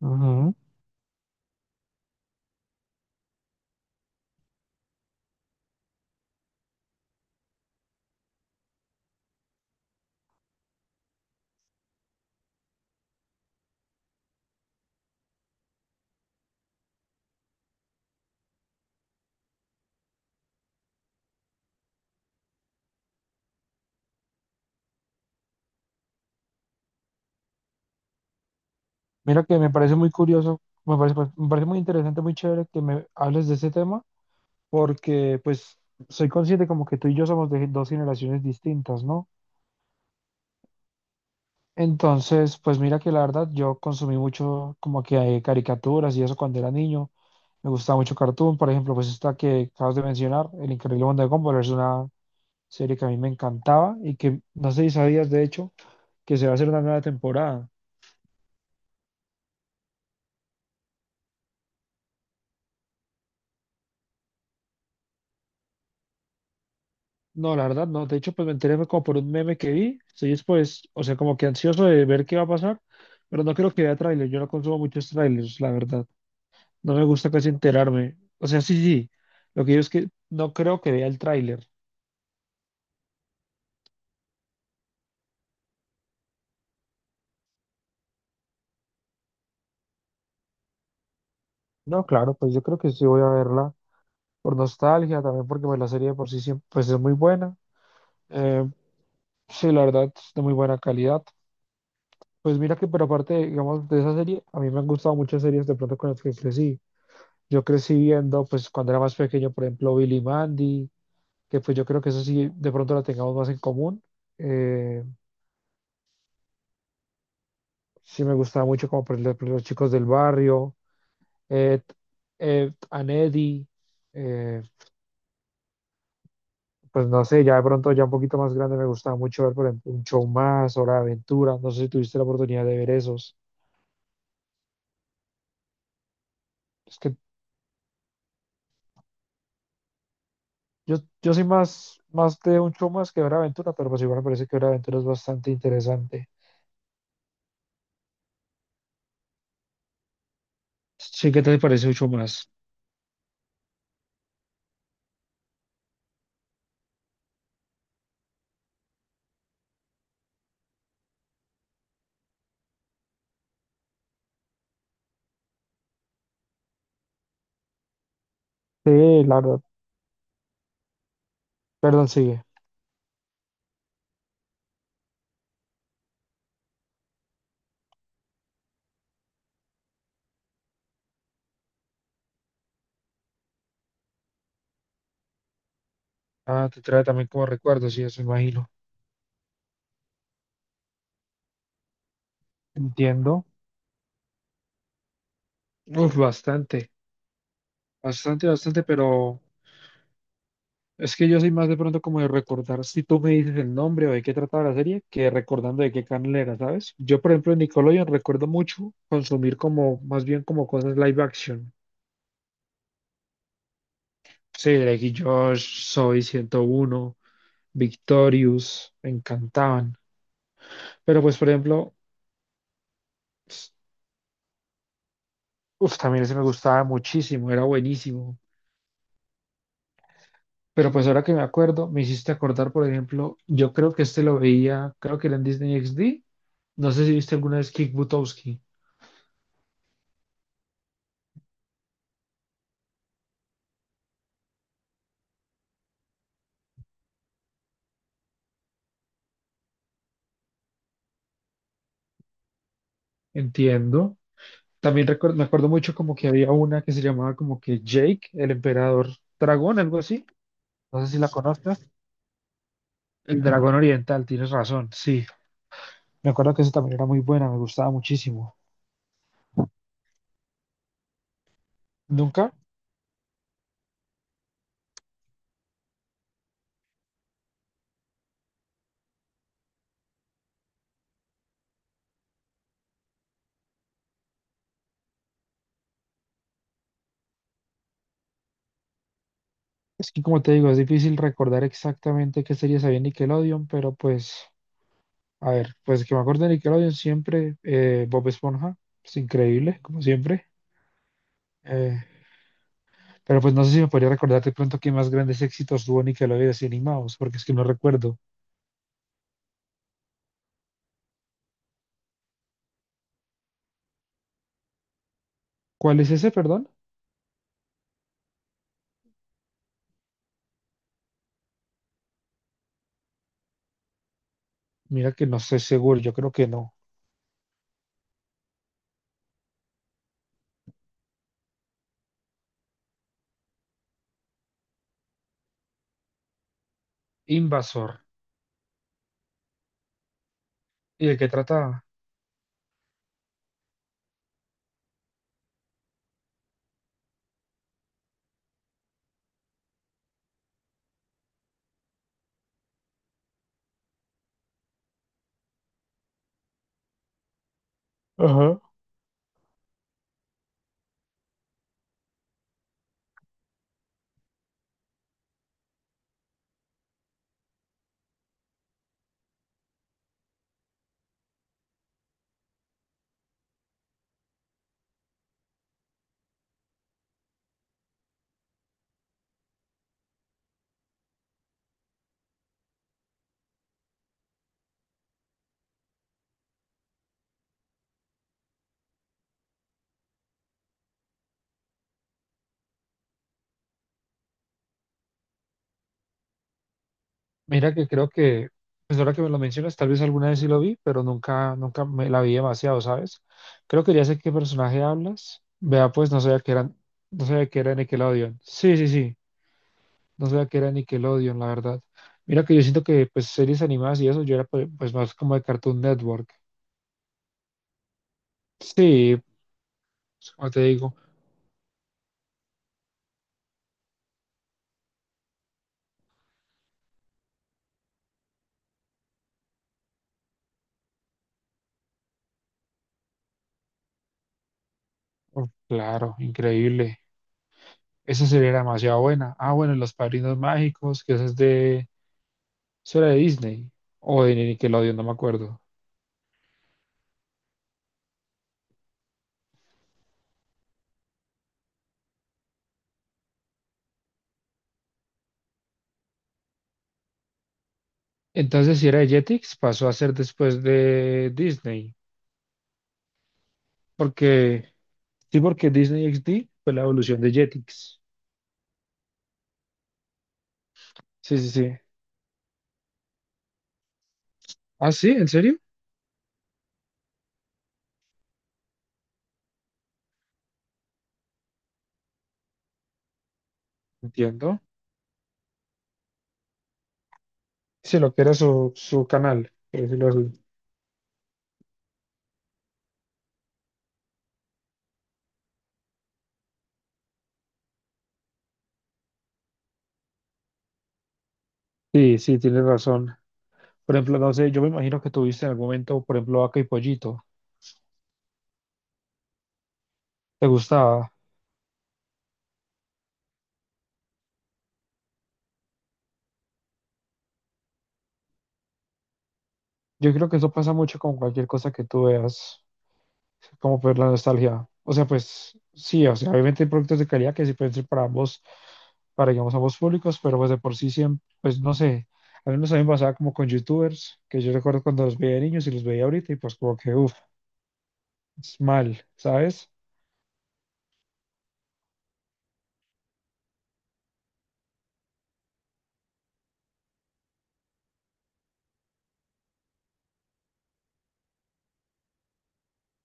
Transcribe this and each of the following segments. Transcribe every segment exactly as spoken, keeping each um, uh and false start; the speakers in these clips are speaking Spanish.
Ujú. Mira que me parece muy curioso, me parece, pues, me parece muy interesante, muy chévere que me hables de ese tema, porque pues soy consciente como que tú y yo somos de dos generaciones distintas, ¿no? Entonces, pues mira que la verdad yo consumí mucho como que eh, caricaturas y eso cuando era niño. Me gustaba mucho Cartoon, por ejemplo, pues esta que acabas de mencionar, El Increíble Mundo de Gumball, es una serie que a mí me encantaba y que no sé si sabías de hecho que se va a hacer una nueva temporada. No, la verdad no. De hecho, pues me enteré fue como por un meme que vi. Estoy pues, o sea, como que ansioso de ver qué va a pasar, pero no creo que vea tráiler. Yo no consumo muchos trailers, la verdad. No me gusta casi enterarme. O sea, sí, sí. Lo que yo es que no creo que vea el tráiler. No, claro, pues yo creo que sí voy a verla por nostalgia, también porque pues, la serie de por sí siempre, pues es muy buena. Eh, sí, la verdad, es de muy buena calidad. Pues mira que, pero aparte, digamos, de esa serie, a mí me han gustado muchas series de pronto con las que crecí. Yo crecí viendo, pues cuando era más pequeño, por ejemplo, Billy Mandy, que pues yo creo que eso sí, de pronto la tengamos más en común. Eh, sí me gustaba mucho como por ejemplo los chicos del barrio, Ed, Ed and Eddie, eh, pues no sé, ya de pronto ya un poquito más grande me gustaba mucho ver, por ejemplo, un show más, Hora de Aventura, no sé si tuviste la oportunidad de ver esos. Es que yo, yo soy más, más de un show más que Hora de Aventura, pero pues igual me parece que Hora de Aventura es bastante interesante. Sí, ¿qué te parece un show más? Sí, claro. Perdón, sigue. Ah, te trae también como recuerdos, sí, eso imagino. Entiendo. Uf, bastante, bastante, bastante, pero es que yo soy más de pronto como de recordar si tú me dices el nombre o de qué trataba la serie que recordando de qué canal era, ¿sabes? Yo, por ejemplo, en Nickelodeon recuerdo mucho consumir como, más bien como cosas live action. Sí, Drake y Josh, Soy ciento uno, Victorious, me encantaban. Pero pues, por ejemplo, uf, también ese me gustaba muchísimo, era buenísimo. Pero pues ahora que me acuerdo, me hiciste acordar, por ejemplo, yo creo que este lo veía, creo que era en Disney X D. No sé si viste alguna vez Kick Buttowski. Entiendo. También recuer- me acuerdo mucho como que había una que se llamaba como que Jake, el emperador dragón, algo así. No sé si la conozcas. El dragón oriental, tienes razón, sí. Me acuerdo que esa también era muy buena, me gustaba muchísimo. ¿Nunca? Es que como te digo, es difícil recordar exactamente qué series había en Nickelodeon, pero pues, a ver, pues que me acuerdo de Nickelodeon siempre, eh, Bob Esponja, es increíble, como siempre. Eh, pero pues no sé si me podría recordar de pronto qué más grandes éxitos tuvo Nickelodeon así animados, porque es que no recuerdo. ¿Cuál es ese, perdón? Mira que no sé seguro, yo creo que no. Invasor. ¿Y de qué trataba? Ajá. Mira que creo que, pues ahora que me lo mencionas, tal vez alguna vez sí lo vi, pero nunca, nunca me la vi demasiado, ¿sabes? Creo que ya sé qué personaje hablas. Vea, pues no sabía que eran, no sabía que era Nickelodeon. Sí, sí, sí, no sabía que era Nickelodeon, la verdad. Mira que yo siento que, pues, series animadas y eso, yo era pues pues, más como de Cartoon Network. Sí, pues, como te digo, oh, claro, increíble. Esa serie era demasiado buena. Ah, bueno, y Los Padrinos Mágicos, que esa es de, eso era de Disney o de Nickelodeon, no me acuerdo. Entonces, si era de Jetix, pasó a ser después de Disney. Porque, sí, porque Disney X D fue la evolución de Jetix. Sí, sí, sí. Ah, sí, ¿en serio? Entiendo. Sí, lo que era su, su canal, por decirlo así. Sí, sí, tienes razón. Por ejemplo, no sé, yo me imagino que tuviste en algún momento, por ejemplo, Vaca y Pollito. ¿Te gustaba? Yo creo que eso pasa mucho con cualquier cosa que tú veas, como por la nostalgia. O sea, pues sí, o sea, obviamente hay productos de calidad que sí pueden ser para ambos, para digamos ambos públicos, pero pues de por sí siempre, pues no sé, al menos a mí me pasaba como con youtubers, que yo recuerdo cuando los veía de niños y los veía ahorita y pues como que, uff, es mal, ¿sabes?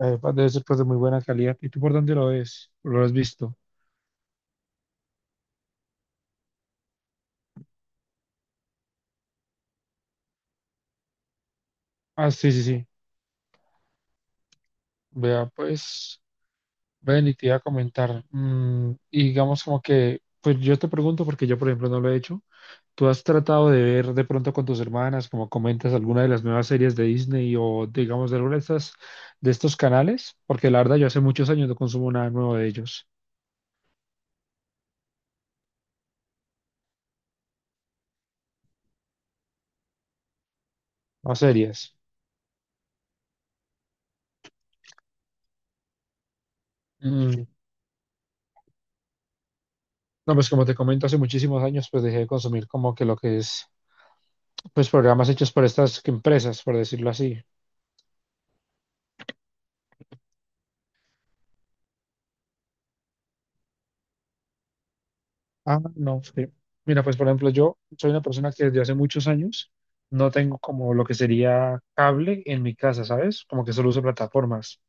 Eh, pues, debe ser pues de muy buena calidad. ¿Y tú por dónde lo ves? ¿Lo has visto? Ah, sí, sí, sí. Vea, pues, ven y te iba a comentar. Mm, y digamos como que, pues yo te pregunto porque yo, por ejemplo, no lo he hecho. ¿Tú has tratado de ver de pronto con tus hermanas, como comentas, alguna de las nuevas series de Disney o digamos de alguna de estas, de estos canales? Porque la verdad yo hace muchos años no consumo nada nuevo de ellos, no series. Mm, no, pues como te comento, hace muchísimos años pues dejé de consumir como que lo que es, pues programas hechos por estas empresas, por decirlo así. Ah, no, sí. Mira, pues por ejemplo, yo soy una persona que desde hace muchos años no tengo como lo que sería cable en mi casa, ¿sabes? Como que solo uso plataformas.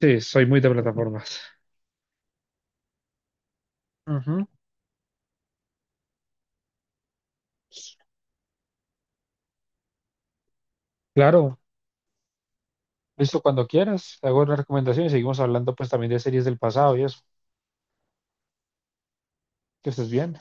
Sí, soy muy de plataformas. Ujú. Claro, listo cuando quieras. Te hago las recomendaciones y seguimos hablando pues también de series del pasado y eso. Que estés bien.